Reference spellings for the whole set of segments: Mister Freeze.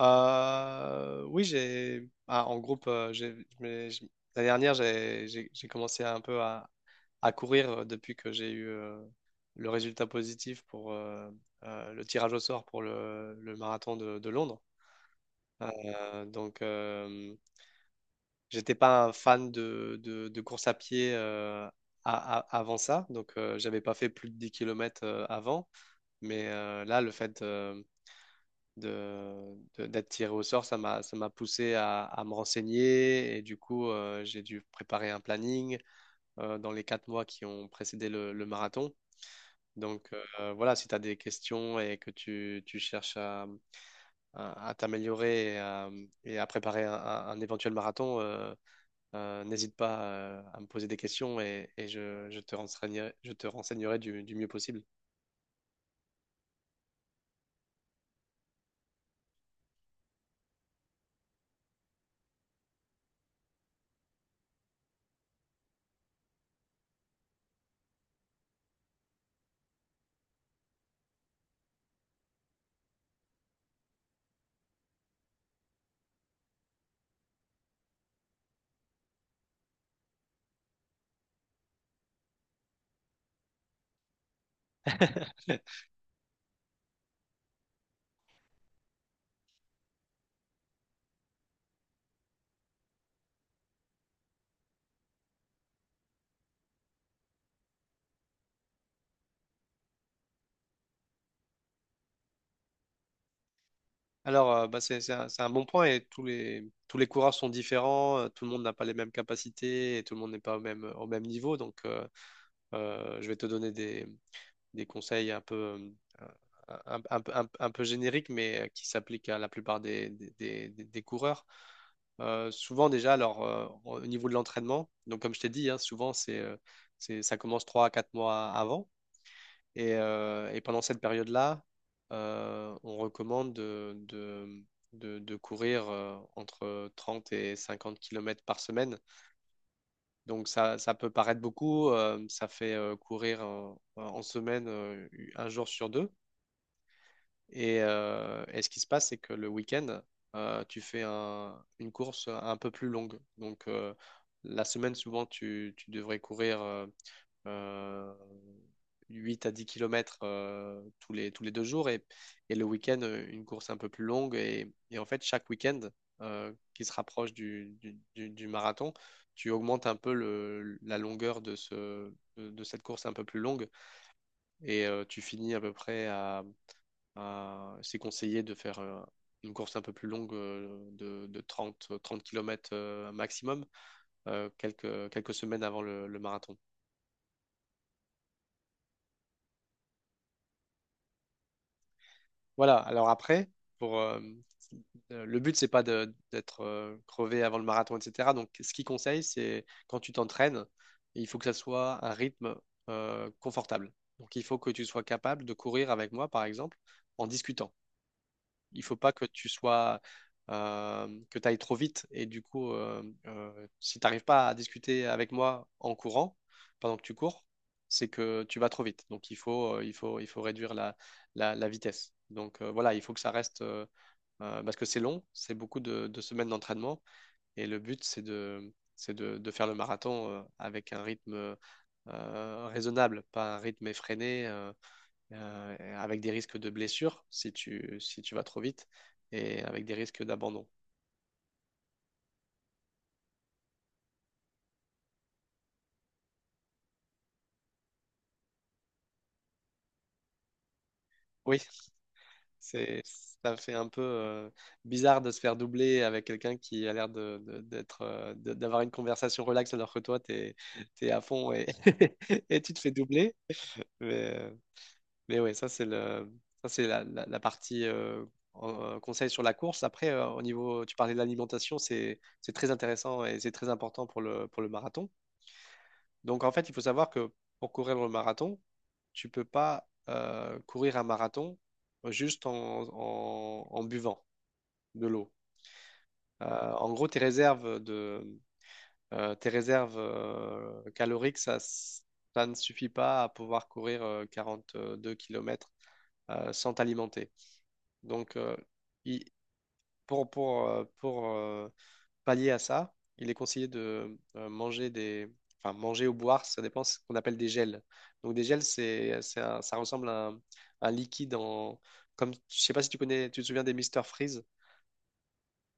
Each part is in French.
Oui, j'ai ah, en groupe. Je- la dernière, j'ai commencé un peu à courir depuis que j'ai eu le résultat positif pour le tirage au sort pour le marathon de Londres. Donc, j'étais pas un fan de course à pied avant ça, donc j'avais pas fait plus de 10 kilomètres avant, mais là, le fait d'être tiré au sort, ça m'a poussé à me renseigner et du coup, j'ai dû préparer un planning dans les quatre mois qui ont précédé le marathon. Donc voilà, si tu as des questions et que tu cherches à t'améliorer et à préparer un éventuel marathon, n'hésite pas à me poser des questions et je te renseignerai, du mieux possible. Alors, bah, c'est un bon point et tous les coureurs sont différents, tout le monde n'a pas les mêmes capacités et tout le monde n'est pas au même niveau. Donc, je vais te donner des conseils un peu, euh, un peu génériques, mais qui s'appliquent à la plupart des coureurs. Souvent, déjà, alors, au niveau de l'entraînement, donc comme je t'ai dit, hein, souvent, ça commence 3 à 4 mois avant. Et pendant cette période-là, on recommande de courir entre 30 et 50 kilomètres par semaine. Donc ça peut paraître beaucoup, ça fait courir en semaine un jour sur deux. Et ce qui se passe, c'est que le week-end, tu fais une course un peu plus longue. Donc la semaine, souvent, tu devrais courir euh, 8 à 10 kilomètres tous les deux jours et le week-end, une course un peu plus longue. Et en fait, chaque week-end qui se rapproche du marathon, tu augmentes un peu la longueur de cette course un peu plus longue et tu finis à peu près C'est conseillé de faire une course un peu plus longue de trente kilomètres maximum quelques semaines avant le marathon. Voilà, alors après, pour, euh, le but, c'est pas d'être crevé avant le marathon, etc. Donc, ce qu'il conseille, c'est quand tu t'entraînes, il faut que ça soit un rythme confortable. Donc, il faut que tu sois capable de courir avec moi, par exemple, en discutant. Il faut pas que tu sois que tu ailles trop vite. Et du coup, si tu n'arrives pas à discuter avec moi en courant, pendant que tu cours, c'est que tu vas trop vite. Donc il faut réduire la vitesse. Donc voilà, il faut que ça reste, parce que c'est long, c'est beaucoup de semaines d'entraînement, et le but, c'est de faire le marathon avec un rythme raisonnable, pas un rythme effréné. Avec des risques de blessure si tu vas trop vite et avec des risques d'abandon. Oui, c'est, ça fait un peu bizarre de se faire doubler avec quelqu'un qui a l'air d'avoir une conversation relaxe alors que toi, t'es à fond et, et tu te fais doubler. Mais, euh, mais ouais, ça, c'est la partie conseil sur la course. Après, au niveau, tu parlais de l'alimentation, c'est très intéressant et c'est très important pour le marathon. Donc en fait, il faut savoir que pour courir le marathon, tu peux pas courir un marathon juste en buvant de l'eau. Euh, En gros, tes réserves caloriques, ça ne suffit pas à pouvoir courir 42 kilomètres sans t'alimenter. Donc il- pour pallier à ça, il est conseillé de manger enfin manger ou boire, ça dépend ce qu'on appelle des gels. Donc des gels, ça ressemble à un liquide comme, je sais pas si tu connais, tu te souviens des Mister Freeze?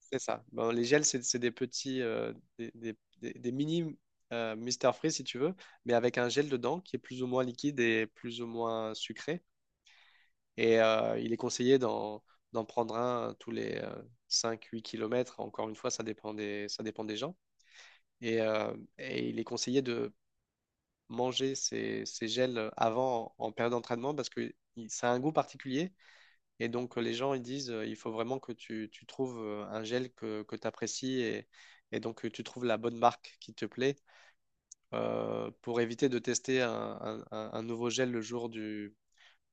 C'est ça. Bon, les gels, c'est des petits, des mini Mr Freeze si tu veux, mais avec un gel dedans qui est plus ou moins liquide et plus ou moins sucré. Et il est conseillé d'en prendre un tous les cinq, huit kilomètres. Encore une fois, ça dépend des gens. Et il est conseillé de manger ces gels avant période d'entraînement parce que ça a un goût particulier. Et donc, les gens, ils disent, il faut vraiment que tu trouves un gel que tu apprécies et donc que tu trouves la bonne marque qui te plaît pour éviter de tester un nouveau gel le jour du,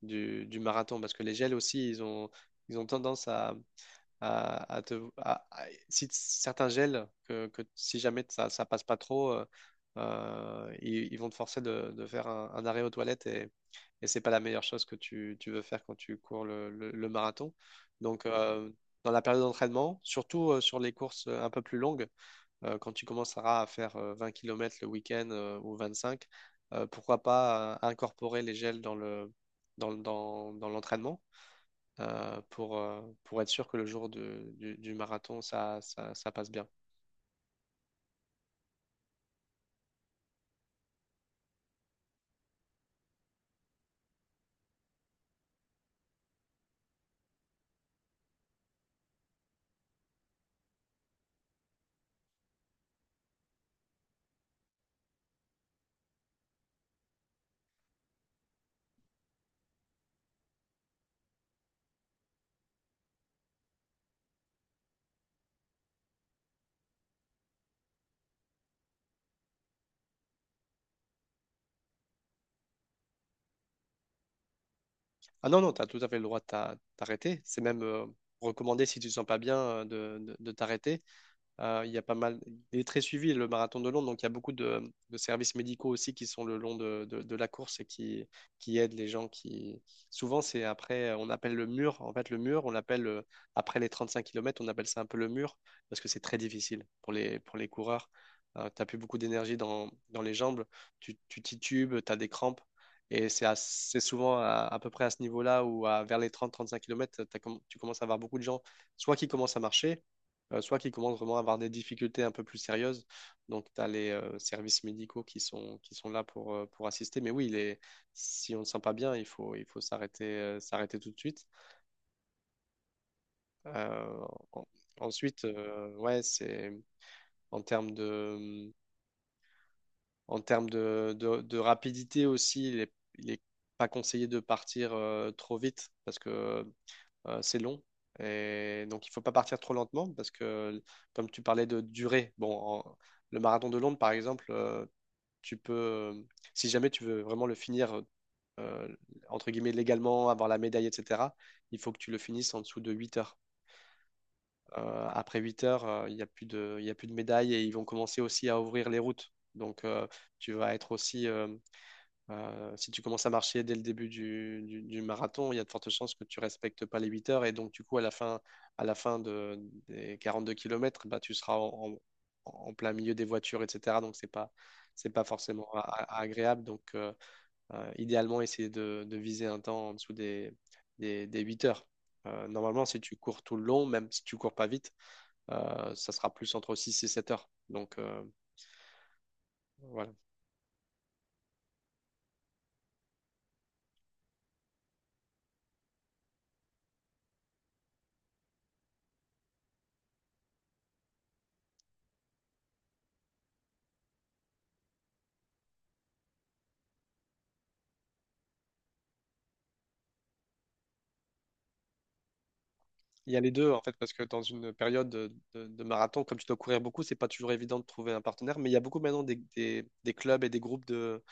du, du marathon. Parce que les gels aussi, ils ont tendance à- si t- certains gels que si jamais ça passe pas trop, ils vont te forcer de faire un arrêt aux toilettes et c'est pas la meilleure chose que tu veux faire quand tu cours le marathon. Donc, dans la période d'entraînement, surtout sur les courses un peu plus longues, quand tu commenceras à faire 20 km le week-end ou 25, pourquoi pas incorporer les gels dans le, dans, dans dans l'entraînement pour être sûr que le jour du marathon, ça passe bien. Ah non, non, tu as tout à fait le droit de t'arrêter. C'est même recommandé si tu ne te sens pas bien de t'arrêter. Il y a pas mal, Il est très suivi le marathon de Londres, donc il y a beaucoup de services médicaux aussi qui sont le long de la course et qui aident les gens qui. Souvent, c'est après, on appelle le mur, en fait, le mur, on l'appelle après les 35 km, on appelle ça un peu le mur parce que c'est très difficile pour les coureurs. Tu n'as plus beaucoup d'énergie dans les jambes, tu titubes, tu as des crampes et c'est souvent à peu près à ce niveau-là vers les 30-35 km, tu commences à avoir beaucoup de gens soit qui commencent à marcher soit qui commencent vraiment à avoir des difficultés un peu plus sérieuses. Donc, tu as les services médicaux qui sont là pour assister. Mais oui, si on ne se sent pas bien, il faut s'arrêter tout de suite. Euh, en- Ensuite, ouais, c'est en termes de, en termes de rapidité aussi, il est pas conseillé de partir trop vite parce que c'est long. Et donc, il faut pas partir trop lentement parce que, comme tu parlais de durée, bon, le marathon de Londres, par exemple, tu peux, euh, si jamais tu veux vraiment le finir, euh, entre guillemets, légalement, avoir la médaille, etc., il faut que tu le finisses en dessous de 8 heures. Après 8 heures, il y a plus de médaille et ils vont commencer aussi à ouvrir les routes. Donc, tu vas être aussi, si tu commences à marcher dès le début du marathon, il y a de fortes chances que tu respectes pas les 8 heures et donc du coup à la fin, à la fin de, des 42 km, bah, tu seras en plein milieu des voitures, etc. Donc c'est pas forcément agréable. Donc idéalement essayer de viser un temps en dessous des 8 heures. Normalement, si tu cours tout le long, même si tu cours pas vite, ça sera plus entre 6 et 7 heures. Donc voilà. Il y a les deux, en fait, parce que dans une période de marathon, comme tu dois courir beaucoup, c'est pas toujours évident de trouver un partenaire, mais il y a beaucoup maintenant des clubs et des groupes de,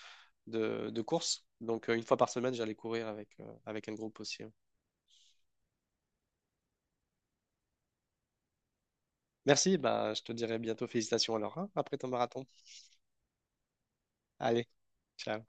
de, de courses. Donc, une fois par semaine, j'allais courir avec un groupe aussi. Merci, bah, je te dirai bientôt félicitations alors, hein, après ton marathon. Allez, ciao.